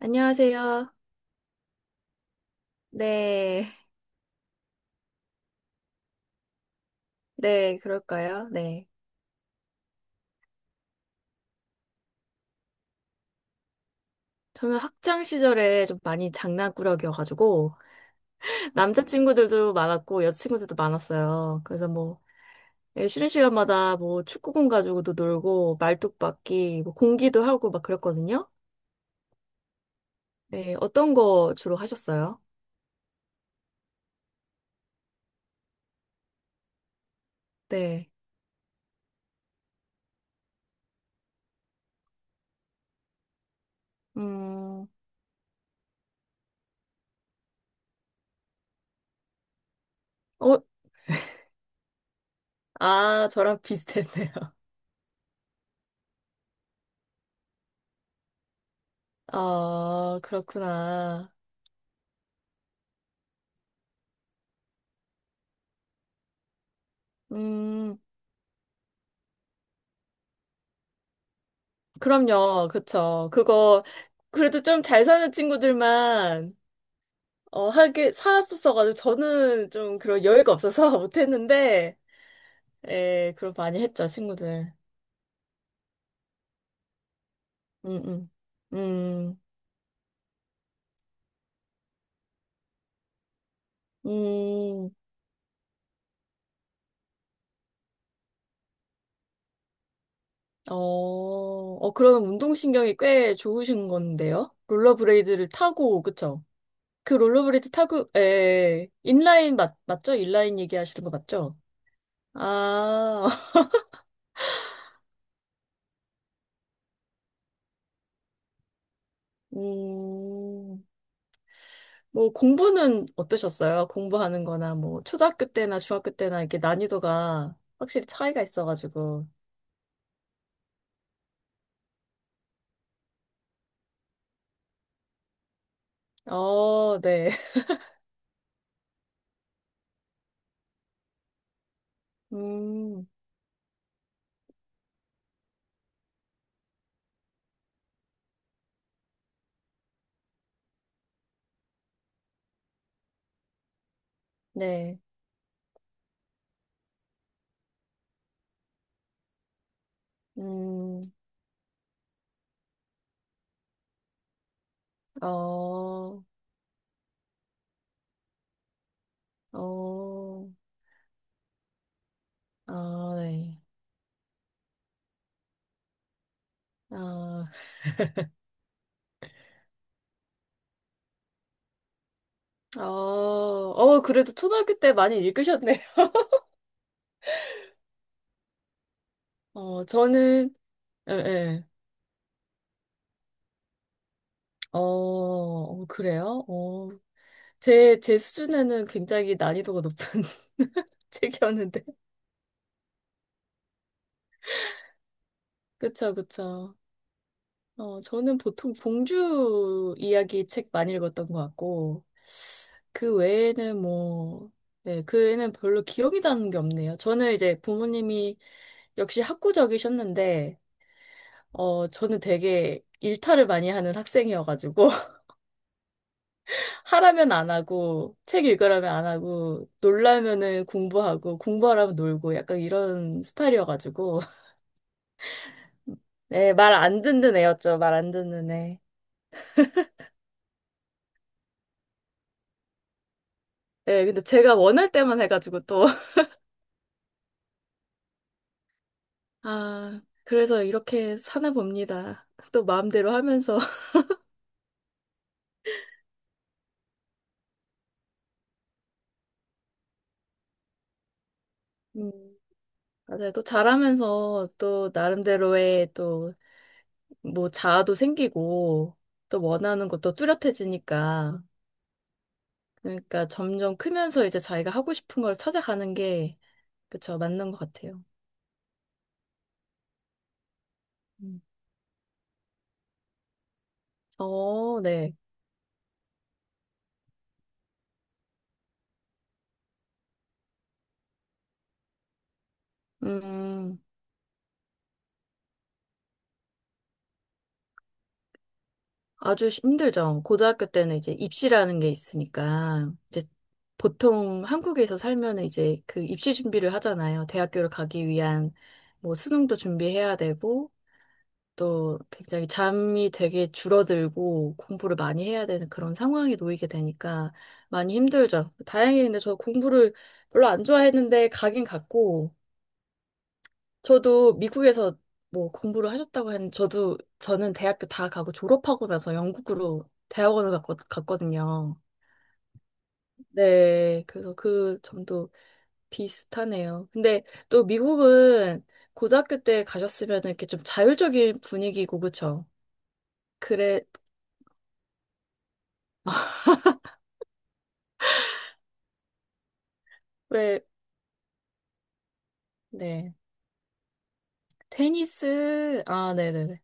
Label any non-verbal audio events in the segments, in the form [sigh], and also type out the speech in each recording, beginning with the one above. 안녕하세요. 네, 네, 그럴까요? 네. 저는 학창 시절에 좀 많이 장난꾸러기여가지고, [laughs] 남자친구들도 많았고, 여자친구들도 많았어요. 그래서 뭐, 예, 쉬는 시간마다 뭐, 축구공 가지고도 놀고, 말뚝박기, 뭐, 공기도 하고 막 그랬거든요. 네, 어떤 거 주로 하셨어요? 네. 음, 어, 아, 저랑 비슷했네요. [laughs] 아, 그렇구나. 음, 그럼요, 그쵸. 그거, 그래도 좀 잘 사는 친구들만, 어, 하게, 사왔었어가지고, 저는 좀 그런 여유가 없어서 [laughs] 못했는데, 예, 그럼 많이 했죠, 친구들. 음, 음, 음, 음, 어, 어, 그러면 운동신경이 꽤 좋으신 건데요? 롤러브레이드를 타고, 그쵸? 그 롤러브레이드 타고, 예, 인라인 맞죠? 인라인 얘기하시는 거 맞죠? 아, [laughs] 음. 뭐 공부는 어떠셨어요? 공부하는 거나 뭐 초등학교 때나 중학교 때나 이렇게 난이도가 확실히 차이가 있어가지고. 어, 네. [laughs] 음, 네. 음, 어, 어, 아, 네. 아, 어, 어, 그래도 초등학교 때 많이 읽으셨네요. [laughs] 어, 저는, 예, 예. 어, 어, 그래요? 어, 제 수준에는 굉장히 난이도가 높은 [laughs] 책이었는데. 그쵸, 그쵸. 어, 저는 보통 봉주 이야기 책 많이 읽었던 것 같고, 그 외에는 뭐, 네, 그 외에는 별로 기억이 나는 게 없네요. 저는 이제 부모님이 역시 학구적이셨는데, 어, 저는 되게 일탈을 많이 하는 학생이어가지고, [laughs] 하라면 안 하고, 책 읽으라면 안 하고, 놀라면은 공부하고, 공부하라면 놀고, 약간 이런 스타일이어가지고, [laughs] 네, 말 안 듣는 애였죠. 말 안 듣는 애. 네, 근데 제가 원할 때만 해가지고 또, 아, 그래서 이렇게 사나 봅니다. 또 마음대로 하면서. [laughs] 음, 맞아요. 또 잘하면서 또 나름대로의 또 뭐 자아도 생기고 또 원하는 것도 뚜렷해지니까. 그러니까 점점 크면서 이제 자기가 하고 싶은 걸 찾아가는 게, 그쵸, 맞는 것 같아요. 음. 어, 네. 음. 아주 힘들죠. 고등학교 때는 이제 입시라는 게 있으니까, 이제 보통 한국에서 살면 이제 그 입시 준비를 하잖아요. 대학교를 가기 위한 뭐 수능도 준비해야 되고, 또 굉장히 잠이 되게 줄어들고 공부를 많이 해야 되는 그런 상황에 놓이게 되니까 많이 힘들죠. 다행히 근데 저 공부를 별로 안 좋아했는데 가긴 갔고, 저도 미국에서 뭐 공부를 하셨다고 했는데, 저도, 저는 대학교 다 가고 졸업하고 나서 영국으로 대학원을 갔거든요. 네, 그래서 그 점도 비슷하네요. 근데 또 미국은 고등학교 때 가셨으면 이렇게 좀 자율적인 분위기고, 그쵸? 그래, 왜, 네. 테니스, 아, 네네네.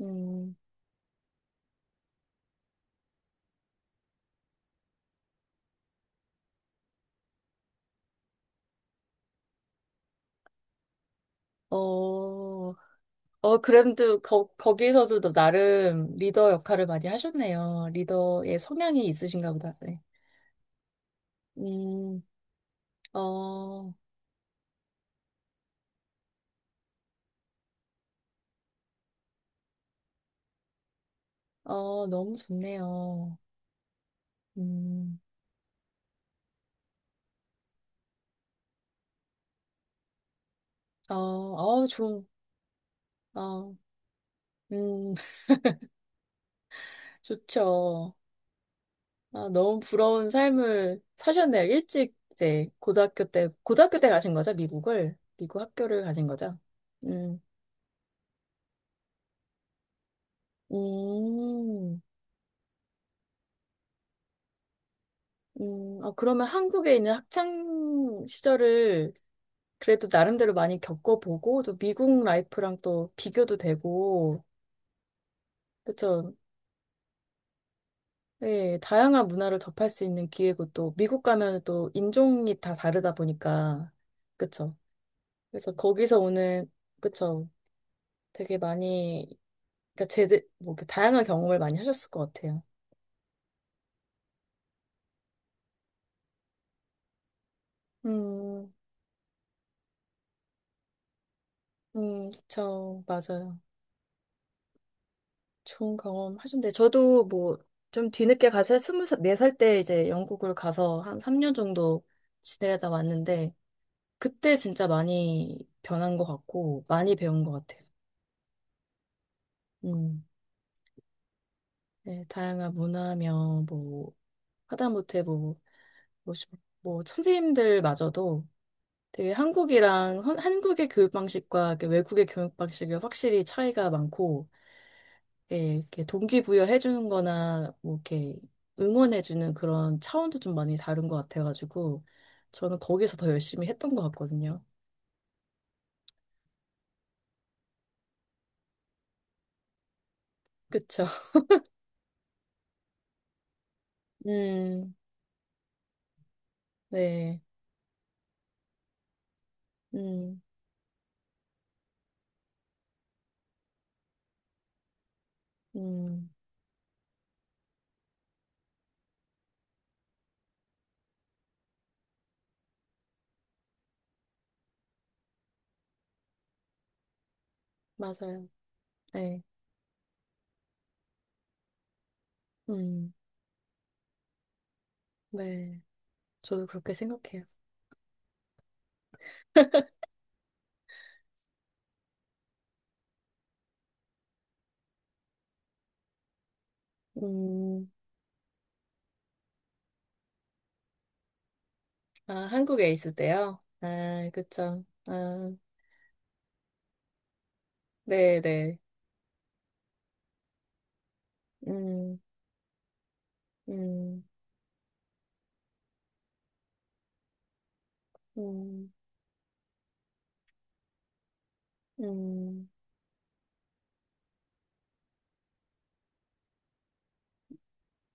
음, 어, 어, 그램도 거기에서도 너 나름 리더 역할을 많이 하셨네요. 리더의 성향이 있으신가 보다. 네. 음, 어, 어, 너무 좋네요. 음, 어, 어, 좋, 어, 음, [laughs] 좋죠. 아, 너무 부러운 삶을 사셨네요. 일찍 이제 고등학교 때, 고등학교 때 가신 거죠? 미국을? 미국 학교를 가신 거죠? 음, 음, 어, 그러면 한국에 있는 학창 시절을 그래도 나름대로 많이 겪어보고, 또 미국 라이프랑 또 비교도 되고, 그쵸. 예, 다양한 문화를 접할 수 있는 기회고, 또 미국 가면 또 인종이 다 다르다 보니까, 그쵸. 그래서 거기서 오는, 그쵸. 되게 많이, 그러니까 뭐, 이렇게 다양한 경험을 많이 하셨을 것 같아요. 음, 그쵸. 맞아요. 좋은 경험 하셨는데, 저도 뭐, 좀 뒤늦게 가서 24살 때 이제 영국을 가서 한 3년 정도 지내다 왔는데, 그때 진짜 많이 변한 것 같고, 많이 배운 것 같아요. 음, 네, 다양한 문화며, 뭐, 하다못해 뭐, 뭐, 뭐 선생님들마저도 되게 한국이랑, 한국의 교육 방식과 그 외국의 교육 방식이 확실히 차이가 많고, 예, 이렇게 동기부여해주는 거나, 뭐, 이렇게 응원해주는 그런 차원도 좀 많이 다른 것 같아가지고, 저는 거기서 더 열심히 했던 것 같거든요. 그쵸? [laughs] 음, 네, 음, 음. 맞아요. 네. 음, 네. 저도 그렇게 생각해요. 음, 아, 한국에 있을 때요? 아, 그쵸. 아, 네네. 음, 음, 음, 음,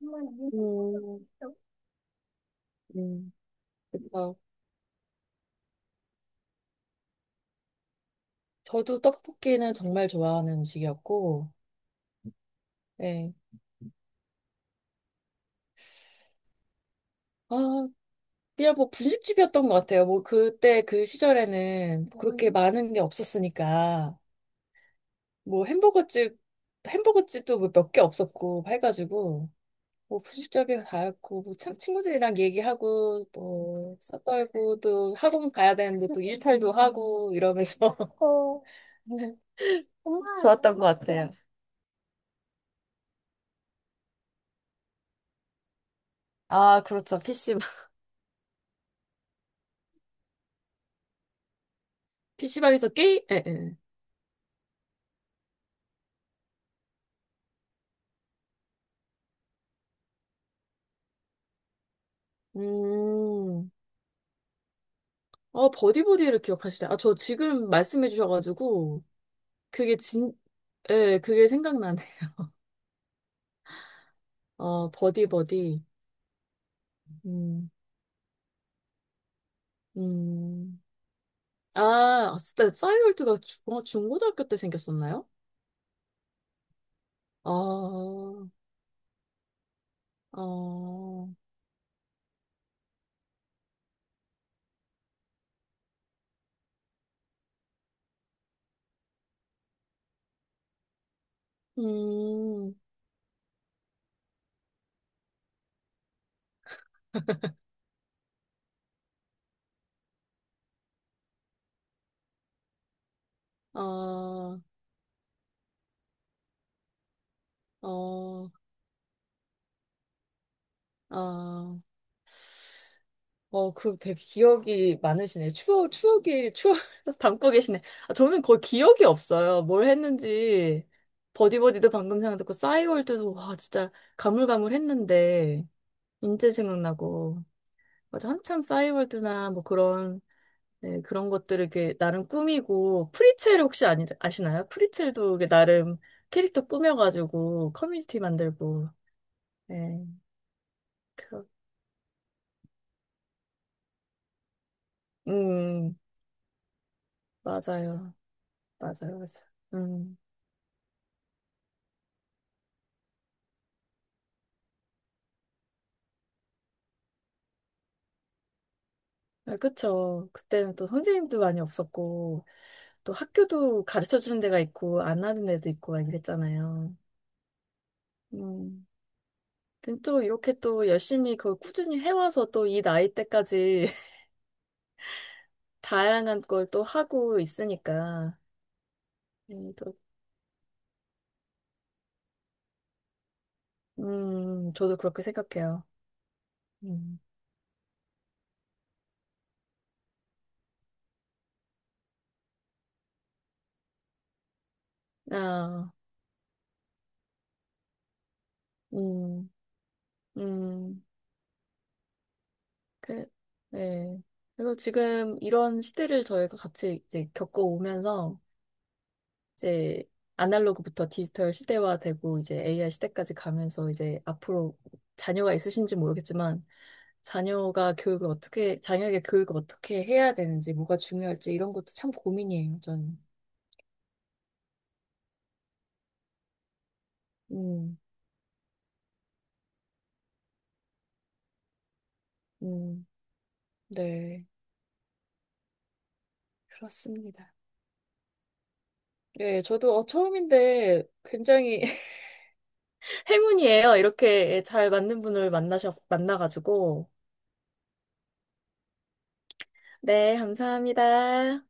음, 음, 그쵸. 저도 떡볶이는 정말 좋아하는 음식이었고, 네. 아, 그냥 뭐 분식집이었던 것 같아요. 뭐 그때 그 시절에는 그렇게 많은 게 없었으니까. 뭐 햄버거집, 햄버거집도 몇 개 없었고, 해가지고, 뭐 분식집이 다였고, 뭐 참, 친구들이랑 얘기하고, 뭐, 싸떨고, 또 학원 가야 되는데 또 일탈도 하고, 이러면서. [laughs] 어, 정말 좋았던 것 같아요. 아, 그렇죠. PC방. PC방에서 게임? 예, 예. 음, 어, 버디버디를 기억하시네. 아, 저 지금 말씀해 주셔가지고, 그게 진, 예, 그게 생각나네. 어, 버디버디. 음, 음. 아, 아, 진짜 싸이월드가 중고등학교 때 생겼었나요? 아, 어, 음, 아, 어, 아, 어, 그 되게 기억이 많으시네. 추억 [laughs] 담고 계시네. 아, 저는 거의 기억이 없어요. 뭘 했는지. 버디버디도 방금 생각났고, 싸이월드도, 와, 진짜 가물가물했는데, 인제 생각나고. 맞아, 한참 싸이월드나 뭐 그런 네, 그런 것들을 이렇게 나름 꾸미고, 프리첼 혹시 아니, 아시나요? 프리첼도 이게 나름 캐릭터 꾸며가지고 커뮤니티 만들고, 네. 그, 음, 맞아요. 맞아요. 맞아요. 음, 아, 그쵸. 그때는 또 선생님도 많이 없었고, 또 학교도 가르쳐 주는 데가 있고, 안 하는 데도 있고, 막 이랬잖아요. 음. 근데 또 이렇게 또 열심히 그걸 꾸준히 해와서 또 이 나이 때까지 [laughs] 다양한 걸 또 하고 있으니까. 또 저도 그렇게 생각해요. 음, 아, 음, 음, 그, 네. 그래서 지금 이런 시대를 저희가 같이 이제 겪어오면서 이제 아날로그부터 디지털 시대화되고 이제 AI 시대까지 가면서 이제 앞으로 자녀가 있으신지 모르겠지만 자녀가 교육을 어떻게, 자녀에게 교육을 어떻게 해야 되는지, 뭐가 중요할지 이런 것도 참 고민이에요, 저는. 음, 음, 네. 그렇습니다. 네, 저도 어, 처음인데 굉장히 [laughs] 행운이에요. 이렇게 잘 맞는 분을 만나가지고. 네, 감사합니다.